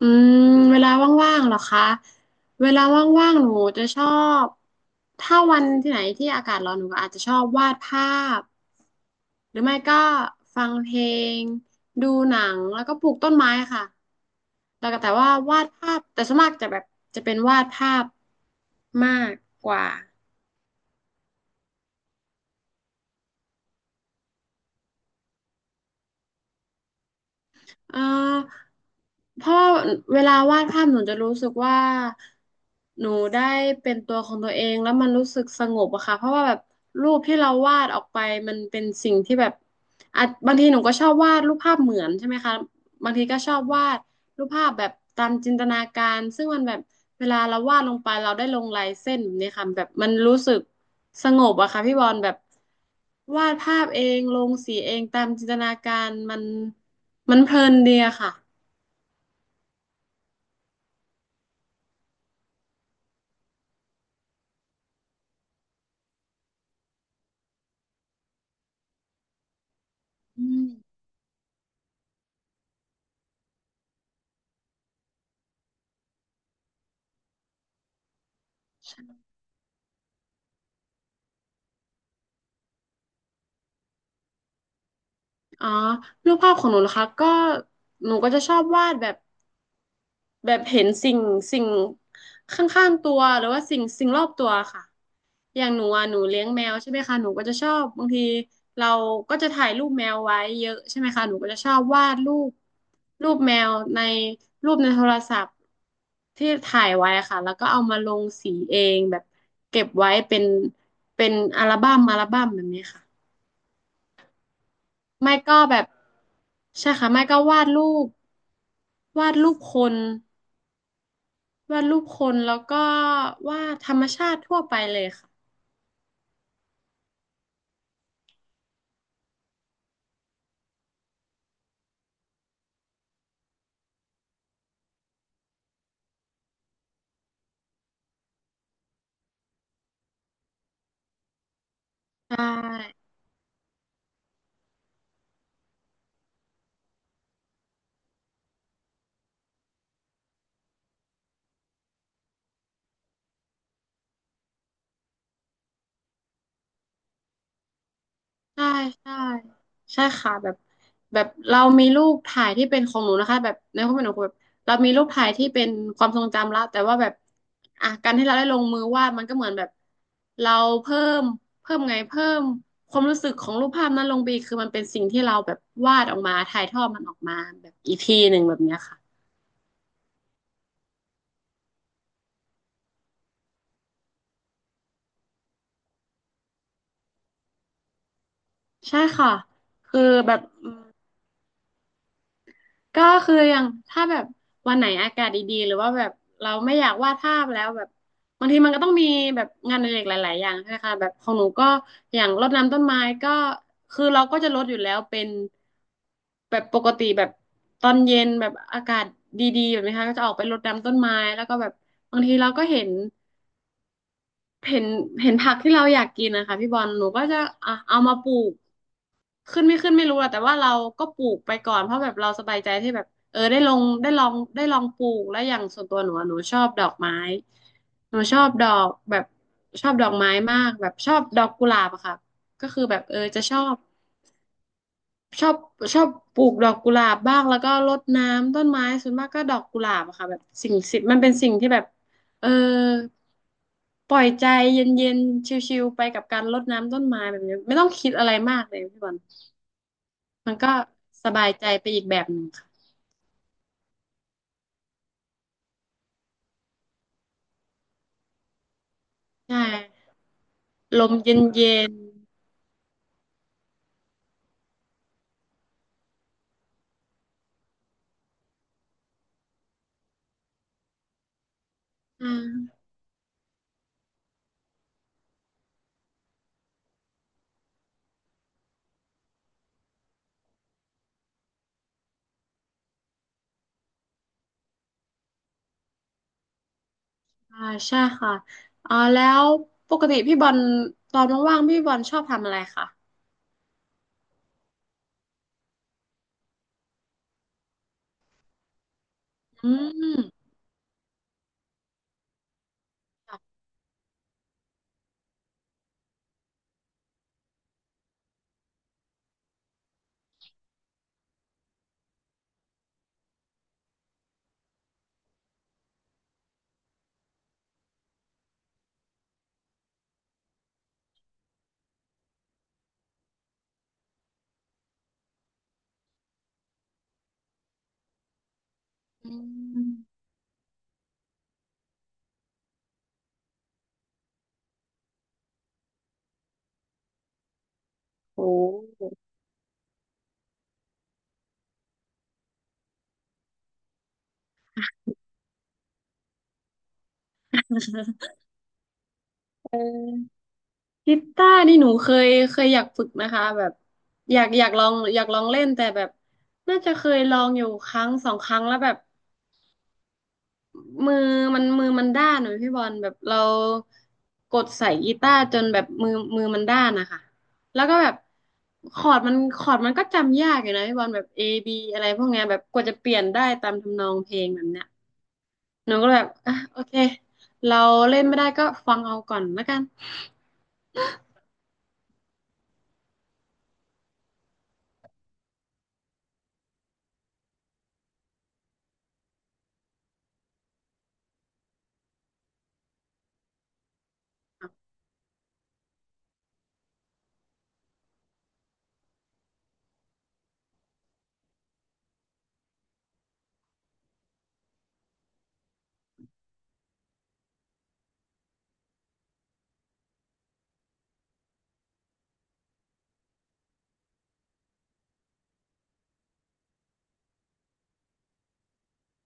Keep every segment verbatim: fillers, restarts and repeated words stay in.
อืมเวลาว่างๆเหรอคะเวลาว่างๆหนูจะชอบถ้าวันที่ไหนที่อากาศร้อนหนูก็อาจจะชอบวาดภาพหรือไม่ก็ฟังเพลงดูหนังแล้วก็ปลูกต้นไม้ค่ะแล้วก็แต่ว่าวาดภาพแต่ส่วนมากจะแบบจะเป็นวาดภาพมากกว่า เอ่อเพราะเวลาวาดภาพหนูจะรู้สึกว่าหนูได้เป็นตัวของตัวเองแล้วมันรู้สึกสงบอะค่ะเพราะว่าแบบรูปที่เราวาดออกไปมันเป็นสิ่งที่แบบอ่ะบางทีหนูก็ชอบวาดรูปภาพเหมือนใช่ไหมคะบางทีก็ชอบวาดรูปภาพแบบตามจินตนาการซึ่งมันแบบเวลาเราวาดลงไปเราได้ลงลายเส้นแบบนี้ค่ะแบบมันรู้สึก สงบอะค่ะพี่บอลแบบวาดภาพเองลงสีเองตามจินตนาการมันมันเพลินดีอะค่ะอืมอ๋อรูปภาพของหนูนะคะก็หนูก็จะชอบวาดแบบ แบบเห็นสิ่งสิ่งข้างๆตัวหรือว่าสิ่งสิ่งรอบตัวค่ะอย่างหนูอ่ะหนูเลี้ยงแมวใช่ไหมคะหนูก็จะชอบบางทีเราก็จะถ่ายรูปแมวไว้เยอะใช่ไหมคะหนูก็จะชอบวาดรูปรูปแมวในรูปในโทรศัพท์ที่ถ่ายไว้ค่ะแล้วก็เอามาลงสีเองแบบเก็บไว้เป็นเป็นอัลบั้มอัลบั้มแบบนี้ค่ะไม่ก็แบบใช่ค่ะไม่ก็วาดรูปวาดรูปคน วาดรูปคนแล้วก็วาดธรรมชาติทั่วไปเลยค่ะใช่ใช่ใช่ใช่ค่ะแบบแบบเรามีรูปถ่ายที่เป็นของหนูนะคะแบบในความเป็นหนูแบบเรามีรูปถ่ายที่เป็นความทรงจำละแต่ว่าแบบอ่ะการที่เราได้ลงมือวาดมันก็เหมือนแบบเราเพิ่มเพิ่มไงเพิ่มความรู้สึกของรูปภาพนั้นลงไปอีกคือมันเป็นสิ่งที่เราแบบวาดออกมาถ่ายทอดมันออกมาแบบอีกทีหนึ่งแบบเนี้ยค่ะใช่ค่ะคือแบบ ก็คืออย่างถ้าแบบวันไหนอากาศดีๆหรือว่าแบบเราไม่อยากวาดภาพแล้วแบบบางทีมันก็ต้องมีแบบงานอดิเรกหลายๆอย่างใช่ไหมคะแบบของหนูก็อย่างรดน้ำต้นไม้ก็คือเราก็จะรดอยู่แล้วเป็นแบบปกติแบบตอนเย็นแบบอากาศดีๆแบบนี้ค่ะก็จะออกไปรดน้ำต้นไม้แล้วก็แบบบางทีเราก็เห็นเห็นเห็นผักที่เราอยากกินนะคะพี่บอลหนูก็จะอ่ะเอามาปลูก ขึ้นไม่ขึ้นไม่รู้อะแต่ว่าเราก็ปลูกไปก่อนเพราะแบบเราสบายใจที่แบบเออได้ลงได้ลองได้ลองปลูกแล้วอย่างส่วนตัวหนูอะหนูชอบดอกไม้หนูชอบดอกแบบชอบดอกไม้มากแบบชอบดอกกุหลาบอะค่ะก็คือแบบเออจะชอบชอบชอบปลูกดอกกุหลาบบ้างแล้วก็รดน้ำต้นไม้ส่วนมากก็ดอกกุหลาบอะค่ะแบบสิ่งสิมันเป็นสิ่งที่แบบเออปล่อยใจเย็นๆชิลๆไปกับการรดน้ำต้นไม้แบบนี้ไม่ต้องคิดอะไรมากเลยพี่บอล มันก็สบายใจไปอีกแบบหนึ่งค่ะใช่ลมเย็นเย็นอ่าอ่าใช่ค่ะอ๋อแล้วปกติพี่บอลตอนว่างๆพี่บอลชอบทำอะไรคะอืมค่ะอืมโหเออกีตาร์นี่หนูเคยเคยอยากฝึกนะคะแบบอยากอยากลองอยากลองเล่นแต่แบบน่าจะเคยลองอยู่ครั้งสองครั้งแล้วแบบ มือมันมือมันด้านเหมือนพี่บอลแบบเรากดใส่กีตาร์จนแบบมือมือมันด้านนะคะแล้วก็แบบคอร์ดมันคอร์ดมันก็จำยากอยู่นะพี่บอลแบบ เอ บี อะไรพวกเนี้ยแบบกว่าจะเปลี่ยนได้ตามทำนองเพลงแบบเนี้ยหนูก็แบบอ่ะโอเคเราเล่นไม่ได้ก็ฟังเอาก่อนแล้วกัน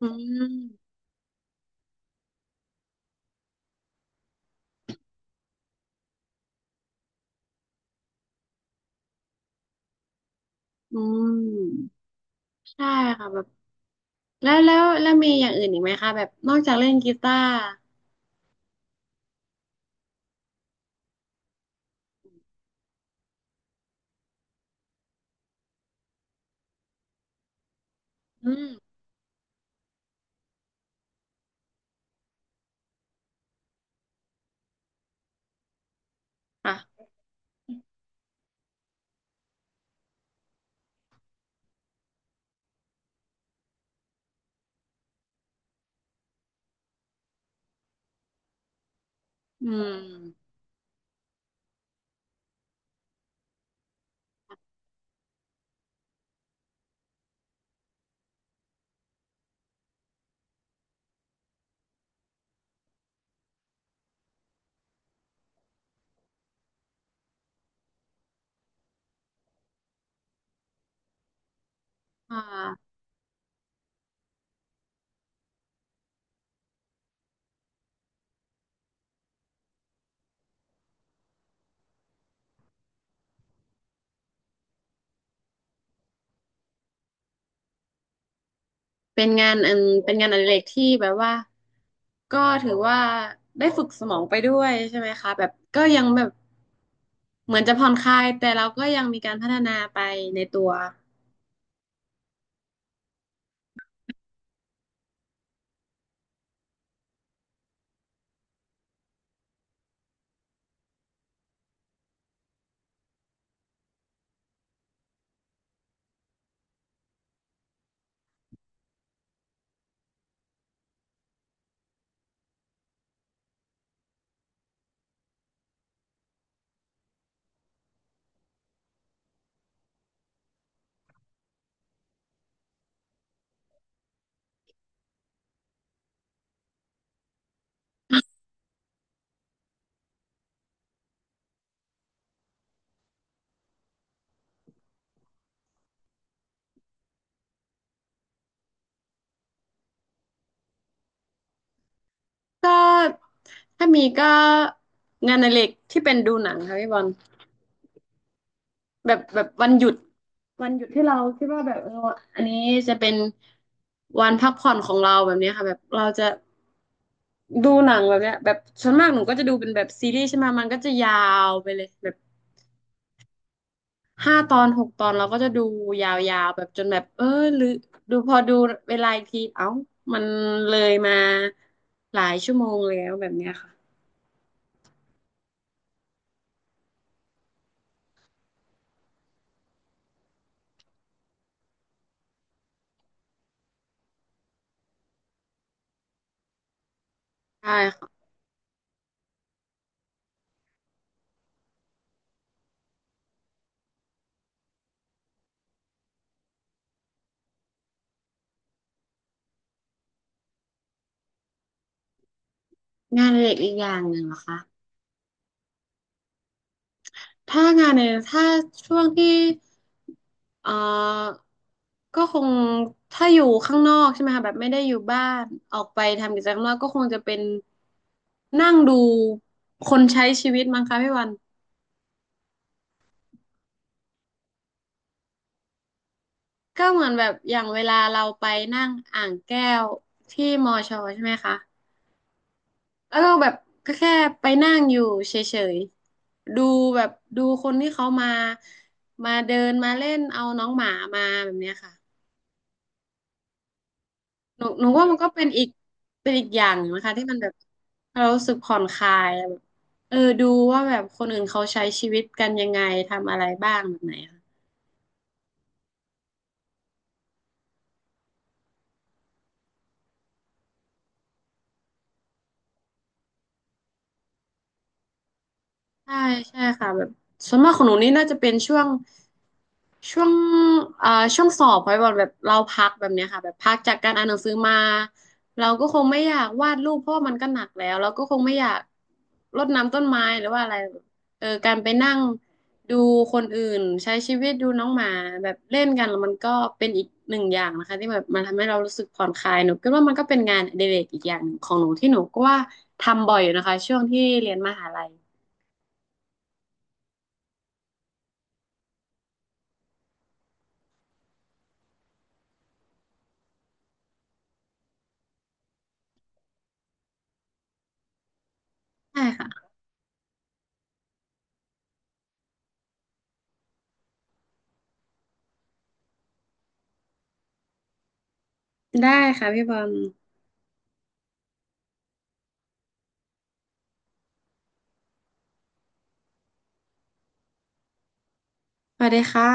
อืมอืมใช่ค่ะแบบแล้วแล้วแล้วมีอย่างอื่นอีกไหมคะแบบนอกจากเล่นกีตาร์อืมค่ะอืมค่ะ เป็นงานอันเป็นงานอดิเรกที่แบบว่าก็ถือว่าได้ฝึกสมองไปด้วยใช่ไหมคะแบบก็ยังแบบเหมือนจะผ่อนคลายแต่เราก็ยังมีการพัฒนาไปในตัวก็ถ้ามีก็งานอดิเรกที่เป็นดูหนังค่ะพี่บอลแบบแบบวันหยุดวันหยุดที่เราคิดว่าแบบเอออันนี้จะเป็นวันพักผ่อนของเราแบบเนี้ยค่ะแบบเราจะดูหนังแบบเนี้ยแบบส่วนมากหนูก็จะดูเป็นแบบซีรีส์ใช่ไหมมันก็จะยาวไปเลย ห้าตอนหกตอนเราก็จะดูยาวๆแบบจนแบบเออหรือดูพอดูเวลาอีกทีเอ้ามันเลยมาหลายชั่วโมงแล้วแบบเนี้ยค่ะใช่ค่ะงานอดิเรกอีกอย่างหนึ่งเหรอคะถ้างานในถ้าช่วงที่เอ่อก็คงถ้าอยู่ข้างนอกใช่ไหมคะแบบไม่ได้อยู่บ้านออกไปทำกิจกรรมข้างนอกก็คงจะเป็นนั่งดูคนใช้ชีวิตมั้งคะพี่วัน ก็เหมือนแบบอย่างเวลาเราไปนั่งอ่างแก้วที่มอชอใช่ไหมคะแล้วเราแบบก็แค่ไปนั่งอยู่เฉยๆดูแบบดูคนที่เขามามาเดินมาเล่นเอาน้องหมามาแบบเนี้ยค่ะหนูหนูว่ามันก็เป็นอีกเป็นอีกอย่างนะคะที่มันแบบเรารู้สึกผ่อนคลายแบบเออดูว่าแบบคนอื่นเขาใช้ชีวิตกันยังไงทำอะไรบ้างแบบไหนค่ะใช่ใช่ค่ะแบบส่วนมากของหนูนี่น่าจะเป็นช่วง ช่วงเอ่อช่วงสอบพอยบอกแบบเราพักแบบเนี้ยค่ะแบบพักจากการอ่านหนังสือมาเราก็คงไม่อยากวาดรูปเพราะว่ามันก็หนักแล้วเราก็คงไม่อยากรดน้ำต้นไม้หรือว่าอะไรเออการไปนั่งดูคนอื่นใช้ชีวิตดูน้องหมาแบบเล่นกันแล้วมันก็เป็นอีกหนึ่งอย่างนะคะที่แบบมันทำให้เรารู้สึกผ่อนคลายหนูคิดว่ามันก็เป็นงานอดิเรกอีกอย่างหนึ่งของหนูที่หนูก็ว่าทำบ่อยอยู่นะคะช่วงที่เรียนมหาลัยใช่ค่ะได้ค่ะพี่บอลสวัสดีค่ะ